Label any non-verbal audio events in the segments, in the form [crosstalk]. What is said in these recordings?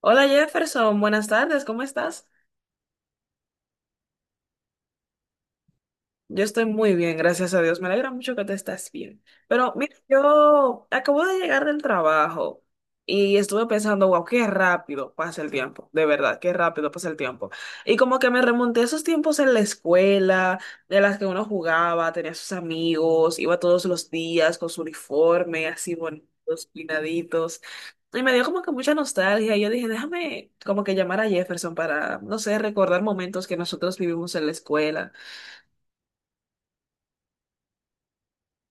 Hola Jefferson, buenas tardes, ¿cómo estás? Yo estoy muy bien, gracias a Dios. Me alegra mucho que te estás bien. Pero mira, yo acabo de llegar del trabajo y estuve pensando, wow, qué rápido pasa el tiempo, de verdad, qué rápido pasa el tiempo. Y como que me remonté a esos tiempos en la escuela, de las que uno jugaba, tenía sus amigos, iba todos los días con su uniforme, así bonitos, peinaditos. Y me dio como que mucha nostalgia. Y yo dije, déjame como que llamar a Jefferson para, no sé, recordar momentos que nosotros vivimos en la escuela.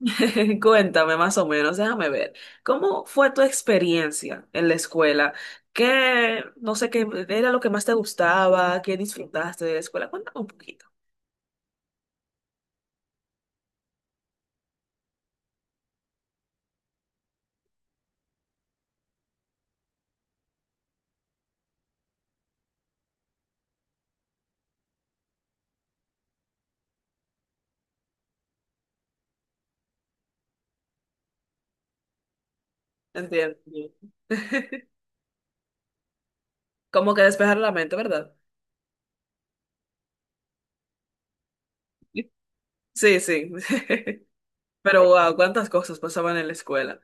[laughs] Cuéntame más o menos, déjame ver. ¿Cómo fue tu experiencia en la escuela? ¿Qué, no sé, qué era lo que más te gustaba? ¿Qué disfrutaste de la escuela? Cuéntame un poquito. Entiendo. [laughs] Como que despejar la mente, ¿verdad? Sí, sí. [laughs] Pero wow, cuántas cosas pasaban en la escuela.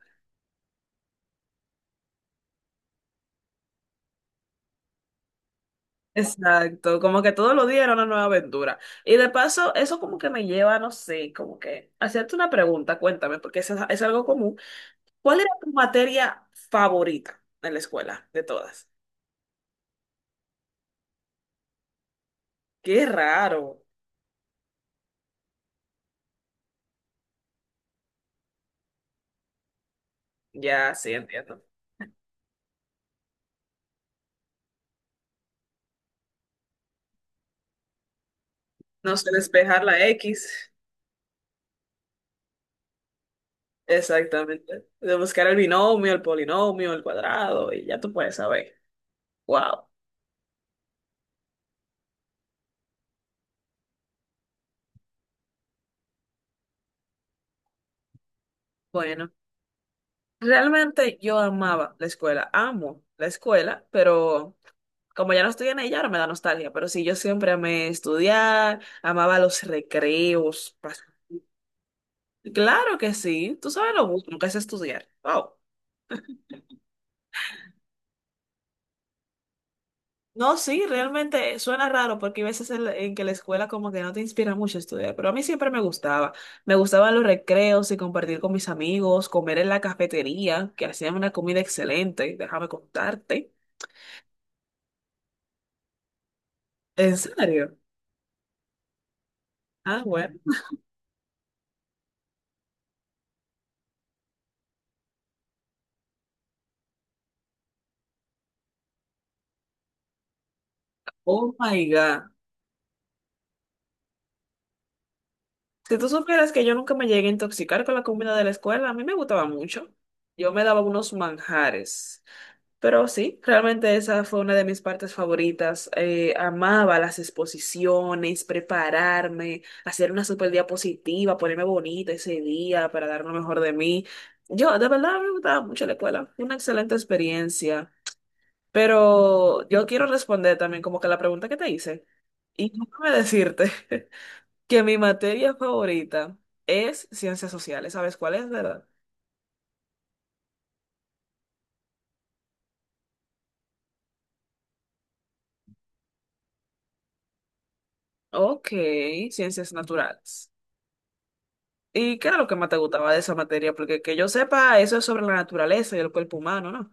Exacto, como que todos los días era una nueva aventura. Y de paso, eso como que me lleva, no sé, como que hacerte una pregunta, cuéntame, porque es algo común. ¿Cuál era tu materia favorita en la escuela de todas? Qué raro. Ya, sí, entiendo. No sé despejar la X. Exactamente. De buscar el binomio, el polinomio, el cuadrado, y ya tú puedes saber. Wow. Bueno, realmente yo amaba la escuela. Amo la escuela, pero como ya no estoy en ella, ahora me da nostalgia. Pero sí, yo siempre amé estudiar, amaba los recreos. Claro que sí. Tú sabes lo bueno que es estudiar. Wow. No, sí, realmente suena raro porque hay veces en que la escuela como que no te inspira mucho a estudiar, pero a mí siempre me gustaba. Me gustaban los recreos y compartir con mis amigos, comer en la cafetería, que hacían una comida excelente, déjame contarte. ¿En serio? Ah, bueno. Oh my God. Si tú supieras que yo nunca me llegué a intoxicar con la comida de la escuela, a mí me gustaba mucho. Yo me daba unos manjares. Pero sí, realmente esa fue una de mis partes favoritas. Amaba las exposiciones, prepararme, hacer una super diapositiva, ponerme bonita ese día para dar lo mejor de mí. Yo, de verdad, me gustaba mucho la escuela. Fue una excelente experiencia. Pero yo quiero responder también como que la pregunta que te hice. Y déjame decirte [laughs] que mi materia favorita es ciencias sociales. ¿Sabes cuál es, verdad? Ok, ciencias naturales. ¿Y qué era lo que más te gustaba de esa materia? Porque que yo sepa, eso es sobre la naturaleza y el cuerpo humano, ¿no?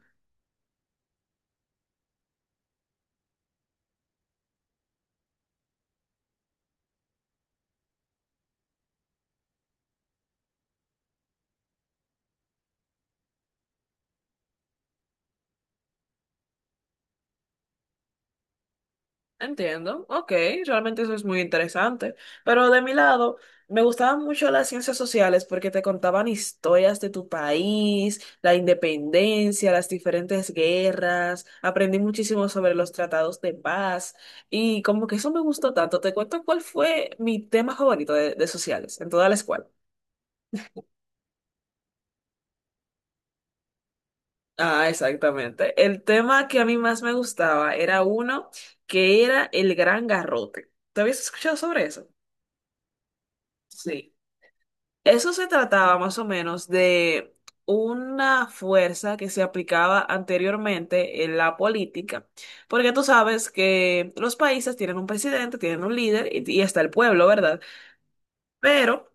Entiendo, ok, realmente eso es muy interesante. Pero de mi lado, me gustaban mucho las ciencias sociales porque te contaban historias de tu país, la independencia, las diferentes guerras. Aprendí muchísimo sobre los tratados de paz y como que eso me gustó tanto. Te cuento cuál fue mi tema favorito de sociales en toda la escuela. Ah, exactamente. El tema que a mí más me gustaba era uno que era el gran garrote. ¿Te habías escuchado sobre eso? Sí. Eso se trataba más o menos de una fuerza que se aplicaba anteriormente en la política, porque tú sabes que los países tienen un presidente, tienen un líder y está el pueblo, ¿verdad? Pero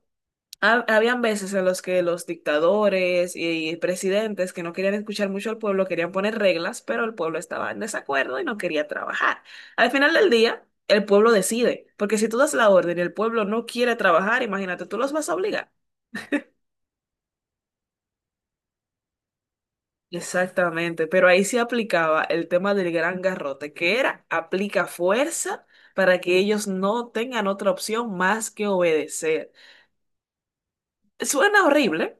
Habían veces en los que los dictadores y presidentes que no querían escuchar mucho al pueblo querían poner reglas, pero el pueblo estaba en desacuerdo y no quería trabajar. Al final del día, el pueblo decide, porque si tú das la orden y el pueblo no quiere trabajar, imagínate, tú los vas a obligar. Exactamente, pero ahí se aplicaba el tema del gran garrote, que era aplica fuerza para que ellos no tengan otra opción más que obedecer. Suena horrible.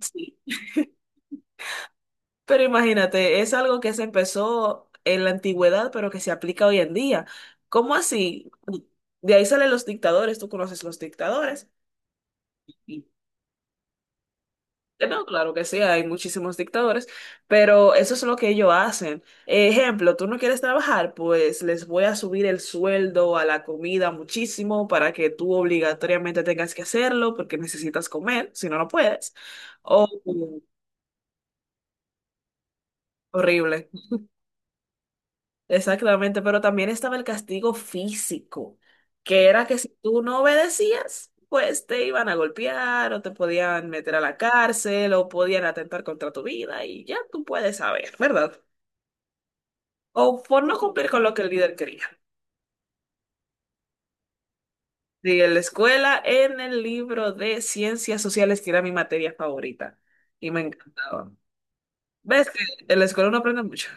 Sí. Pero imagínate, es algo que se empezó en la antigüedad, pero que se aplica hoy en día. ¿Cómo así? De ahí salen los dictadores, tú conoces los dictadores. Y- No, claro que sí, hay muchísimos dictadores, pero eso es lo que ellos hacen. Ejemplo, tú no quieres trabajar, pues les voy a subir el sueldo a la comida muchísimo para que tú obligatoriamente tengas que hacerlo porque necesitas comer, si no, no puedes. Oh, horrible. Exactamente, pero también estaba el castigo físico, que era que si tú no obedecías, pues te iban a golpear o te podían meter a la cárcel o podían atentar contra tu vida y ya tú puedes saber, ¿verdad? O por no cumplir con lo que el líder quería. Y en la escuela, en el libro de ciencias sociales, que era mi materia favorita y me encantaba. ¿Ves que en la escuela uno aprende mucho?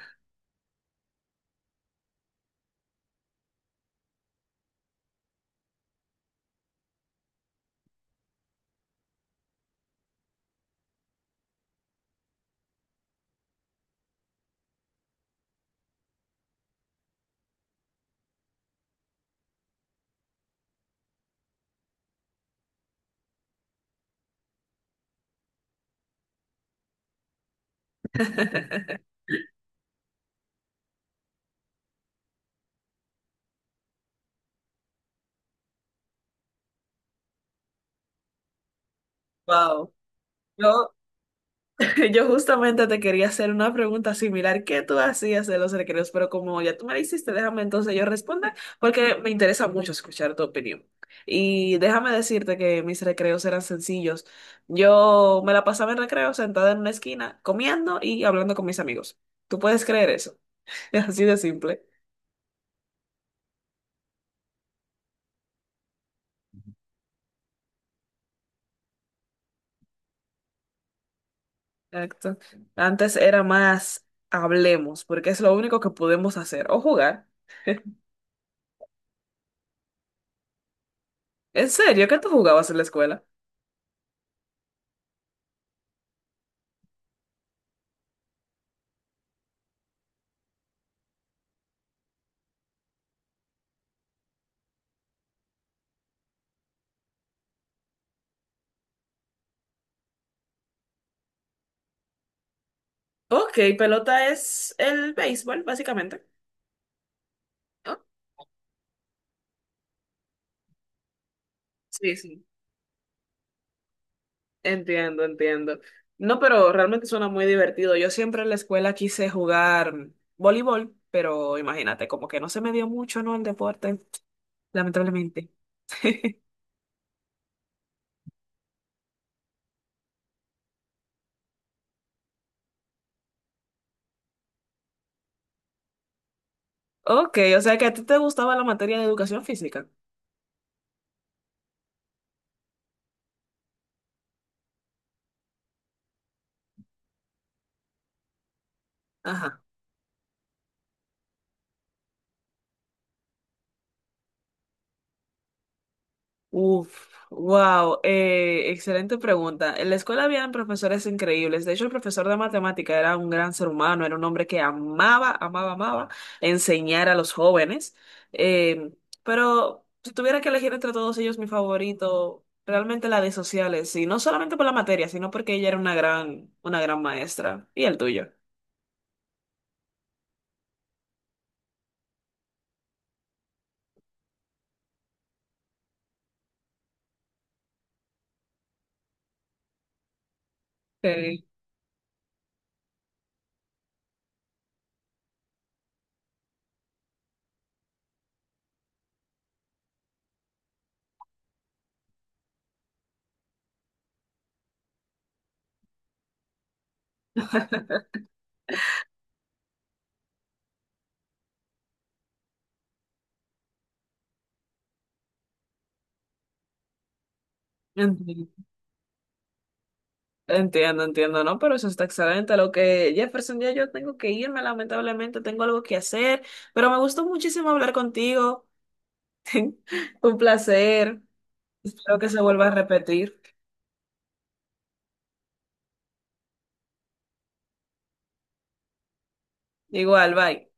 [laughs] Wow. [laughs] Yo justamente te quería hacer una pregunta similar. ¿Qué tú hacías de los recreos? Pero como ya tú me la hiciste, déjame entonces yo responder, porque me interesa mucho escuchar tu opinión. Y déjame decirte que mis recreos eran sencillos. Yo me la pasaba en recreo sentada en una esquina, comiendo y hablando con mis amigos. ¿Tú puedes creer eso? [laughs] Así de simple. Exacto. Antes era más hablemos, porque es lo único que podemos hacer, o jugar. ¿En serio? ¿Qué tú jugabas en la escuela? Ok, pelota es el béisbol, básicamente. ¿No? Sí, sí, entiendo, entiendo. No, pero realmente suena muy divertido. Yo siempre en la escuela quise jugar voleibol, pero imagínate, como que no se me dio mucho, ¿no? El deporte, lamentablemente. [laughs] Ok, o sea que a ti te gustaba la materia de educación física. Ajá. Uf, wow, excelente pregunta. En la escuela habían profesores increíbles. De hecho, el profesor de matemática era un gran ser humano, era un hombre que amaba, amaba, amaba enseñar a los jóvenes. Eh, pero si tuviera que elegir entre todos ellos, mi favorito, realmente la de sociales, y no solamente por la materia, sino porque ella era una gran maestra. ¿Y el tuyo? Ok. Entiendo, entiendo, ¿no? Pero eso está excelente. Lo que, Jefferson, ya yo tengo que irme, lamentablemente, tengo algo que hacer, pero me gustó muchísimo hablar contigo. Un placer. Espero que se vuelva a repetir. Igual, bye.